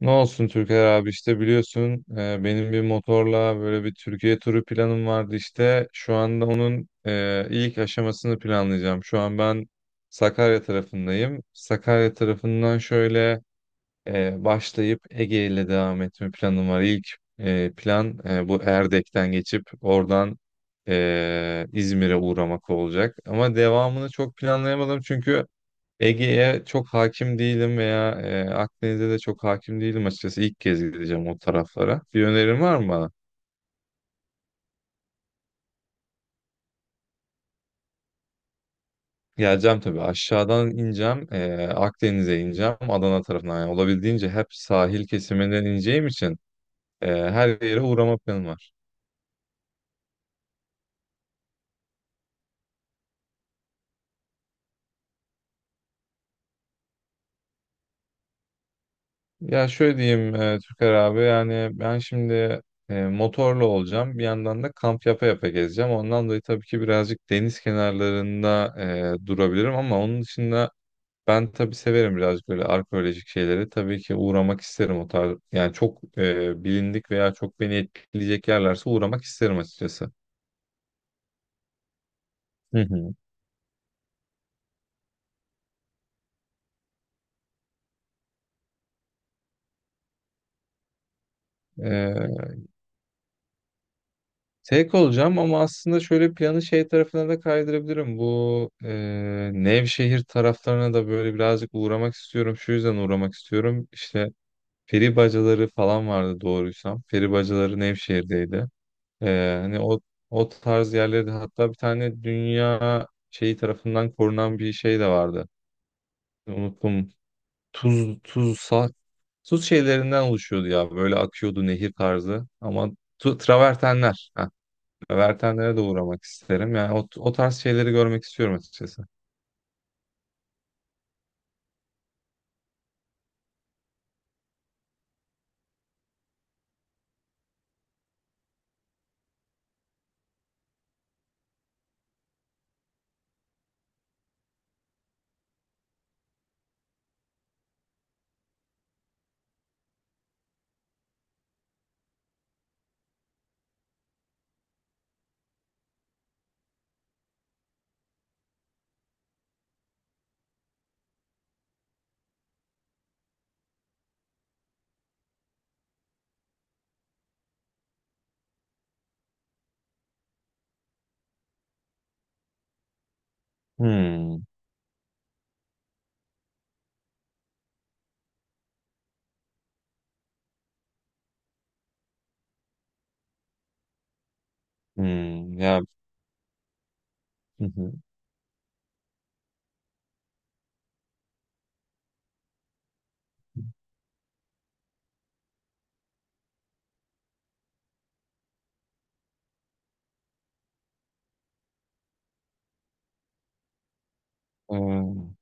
Ne olsun Türker abi işte biliyorsun benim bir motorla böyle bir Türkiye turu planım vardı işte. Şu anda onun ilk aşamasını planlayacağım. Şu an ben Sakarya tarafındayım. Sakarya tarafından şöyle başlayıp Ege ile devam etme planım var. İlk plan bu Erdek'ten geçip oradan İzmir'e uğramak olacak. Ama devamını çok planlayamadım çünkü Ege'ye çok hakim değilim veya Akdeniz'e de çok hakim değilim açıkçası. İlk kez gideceğim o taraflara. Bir önerin var mı bana? Geleceğim tabii. Aşağıdan ineceğim. Akdeniz'e ineceğim. Adana tarafından. Yani olabildiğince hep sahil kesiminden ineceğim için her yere uğrama planım var. Ya şöyle diyeyim Türker abi. Yani ben şimdi motorla olacağım. Bir yandan da kamp yapa yapa gezeceğim. Ondan dolayı tabii ki birazcık deniz kenarlarında durabilirim ama onun dışında ben tabii severim birazcık böyle arkeolojik şeyleri. Tabii ki uğramak isterim o tarz. Yani çok bilindik veya çok beni etkileyecek yerlerse uğramak isterim açıkçası. Hı hı. E, tek olacağım ama aslında şöyle planı şey tarafına da kaydırabilirim. Bu Nevşehir taraflarına da böyle birazcık uğramak istiyorum. Şu yüzden uğramak istiyorum. İşte peri bacaları falan vardı doğruysam. Peri bacaları Nevşehir'deydi. Hani o tarz yerlerde hatta bir tane dünya şeyi tarafından korunan bir şey de vardı. Unuttum. Tuz tuzsa tuz şeylerinden oluşuyordu ya. Böyle akıyordu nehir tarzı. Ama travertenler. Heh, travertenlere de uğramak isterim. Yani o tarz şeyleri görmek istiyorum açıkçası. Hmm. Hmm. Ya. Hı hı. Ee,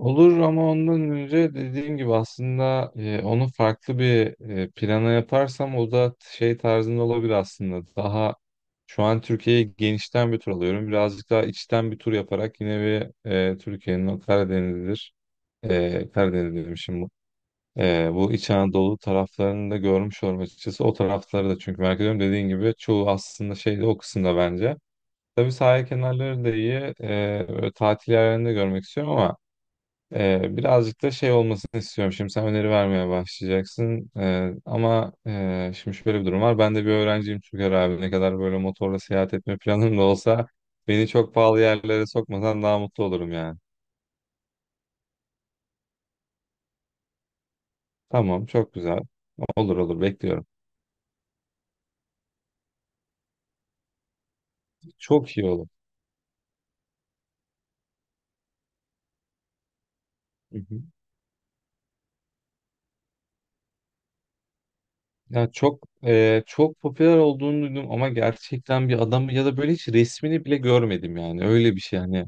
Olur ama ondan önce dediğim gibi aslında onu farklı bir plana yaparsam o da şey tarzında olabilir aslında. Daha şu an Türkiye'yi genişten bir tur alıyorum. Birazcık daha içten bir tur yaparak yine bir Türkiye'nin o Karadeniz'dir. Karadeniz diyorum şimdi. Bu İç Anadolu taraflarını da görmüş olurum açıkçası. O tarafları da çünkü merak ediyorum. Dediğin gibi çoğu aslında şeyde o kısımda bence. Tabii sahil kenarları da iyi. Böyle tatil yerlerini de görmek istiyorum ama birazcık da şey olmasını istiyorum. Şimdi sen öneri vermeye başlayacaksın. Ama şimdi şöyle bir durum var. Ben de bir öğrenciyim Türker abi. Ne kadar böyle motorla seyahat etme planım da olsa beni çok pahalı yerlere sokmasan daha mutlu olurum yani. Tamam, çok güzel. Olur olur bekliyorum. Çok iyi olur. Hı hı. Ya çok popüler olduğunu duydum ama gerçekten bir adam ya da böyle hiç resmini bile görmedim yani. Öyle bir şey hani.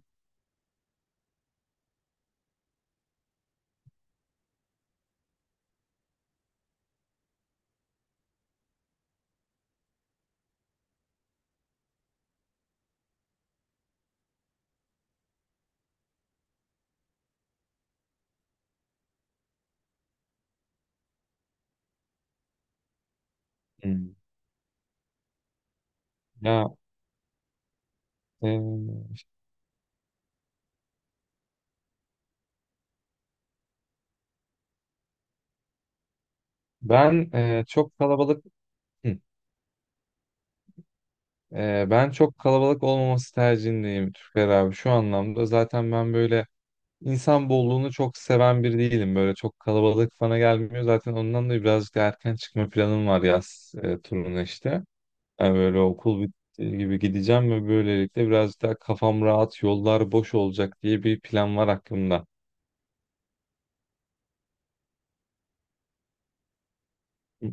Hmm. Ya e, ben çok kalabalık. Hı. Ben çok kalabalık olmaması tercihindeyim Türker abi şu anlamda. Zaten ben böyle insan bolluğunu çok seven biri değilim. Böyle çok kalabalık bana gelmiyor. Zaten ondan da birazcık erken çıkma planım var yaz turuna işte. Yani böyle okul bittiği gibi gideceğim ve böylelikle birazcık daha kafam rahat, yollar boş olacak diye bir plan var aklımda. Hı.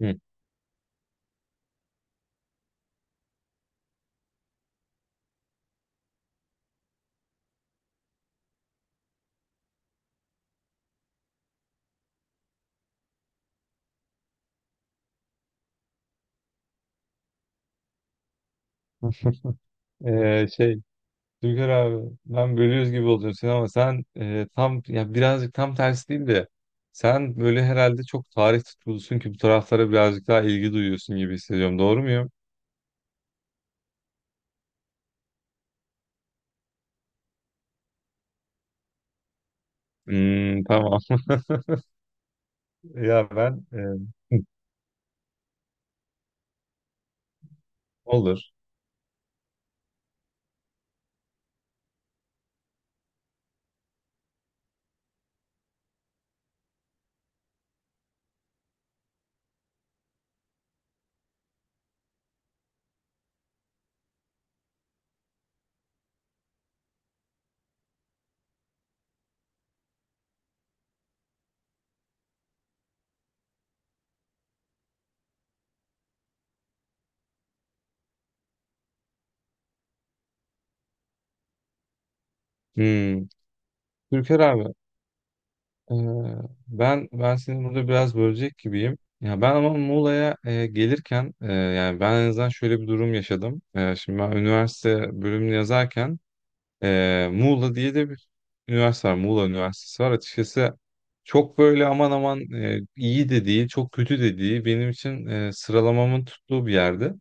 Hı. Şey Türker abi ben bölüyoruz gibi oldun sen ama sen tam ya birazcık tam tersi değil de sen böyle herhalde çok tarih tutkulusun ki bu taraflara birazcık daha ilgi duyuyorsun gibi hissediyorum. Doğru muyum? Hmm, tamam. Ya ben hı, olur. Hmm. Türker abi e, ben seni burada biraz bölecek gibiyim. Ya ben ama Muğla'ya gelirken yani ben en azından şöyle bir durum yaşadım. Şimdi ben üniversite bölümünü yazarken. Muğla diye de bir üniversite var. Muğla Üniversitesi var. Açıkçası çok böyle aman aman iyi de değil, çok kötü de değil. Benim için sıralamamın tuttuğu bir yerdi.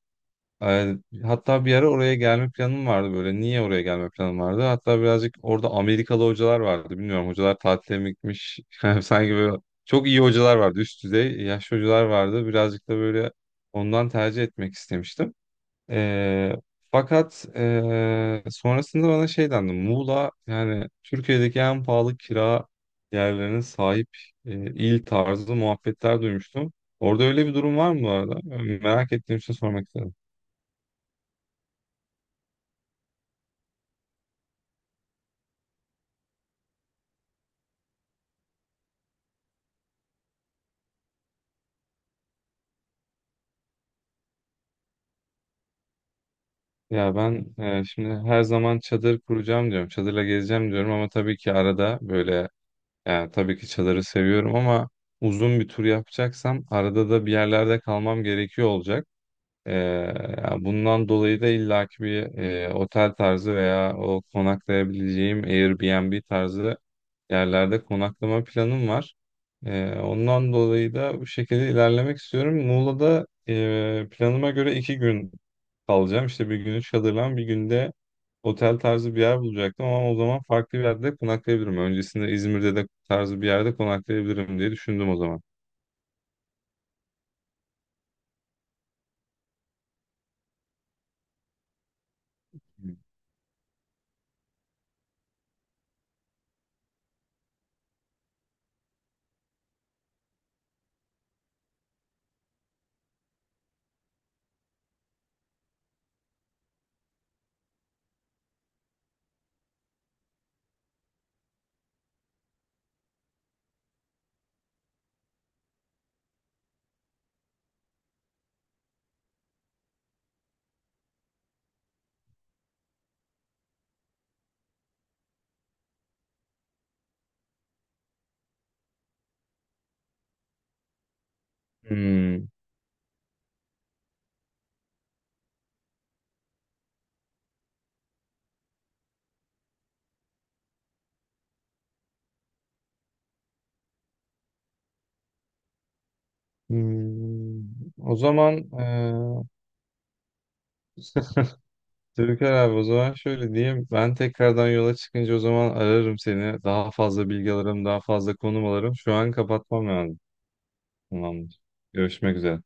Ee, hatta bir ara oraya gelme planım vardı böyle. Niye oraya gelme planım vardı? Hatta birazcık orada Amerikalı hocalar vardı. Bilmiyorum hocalar tatile mi gitmiş? Yani sanki böyle çok iyi hocalar vardı. Üst düzey yaşlı hocalar vardı. Birazcık da böyle ondan tercih etmek istemiştim. Ee, fakat sonrasında bana şey dendi. Muğla yani Türkiye'deki en pahalı kira yerlerine sahip il tarzı muhabbetler duymuştum. Orada öyle bir durum var mı bu arada? Yani merak ettiğim için sormak istedim. Ya ben şimdi her zaman çadır kuracağım diyorum. Çadırla gezeceğim diyorum ama tabii ki arada böyle yani tabii ki çadırı seviyorum ama uzun bir tur yapacaksam arada da bir yerlerde kalmam gerekiyor olacak. Ee, yani bundan dolayı da illaki bir otel tarzı veya o konaklayabileceğim Airbnb tarzı yerlerde konaklama planım var. Ondan dolayı da bu şekilde ilerlemek istiyorum. Muğla'da planıma göre 2 gün kalacağım. İşte bir günü çadırlan, bir günde otel tarzı bir yer bulacaktım ama o zaman farklı bir yerde konaklayabilirim. Öncesinde İzmir'de de tarzı bir yerde konaklayabilirim diye düşündüm o zaman. Hmm. Hmm. O zaman Türker abi o zaman şöyle diyeyim. Ben tekrardan yola çıkınca o zaman ararım seni. Daha fazla bilgi alırım, daha fazla konum alırım. Şu an kapatmam lazım. Tamamdır. Görüşmek üzere.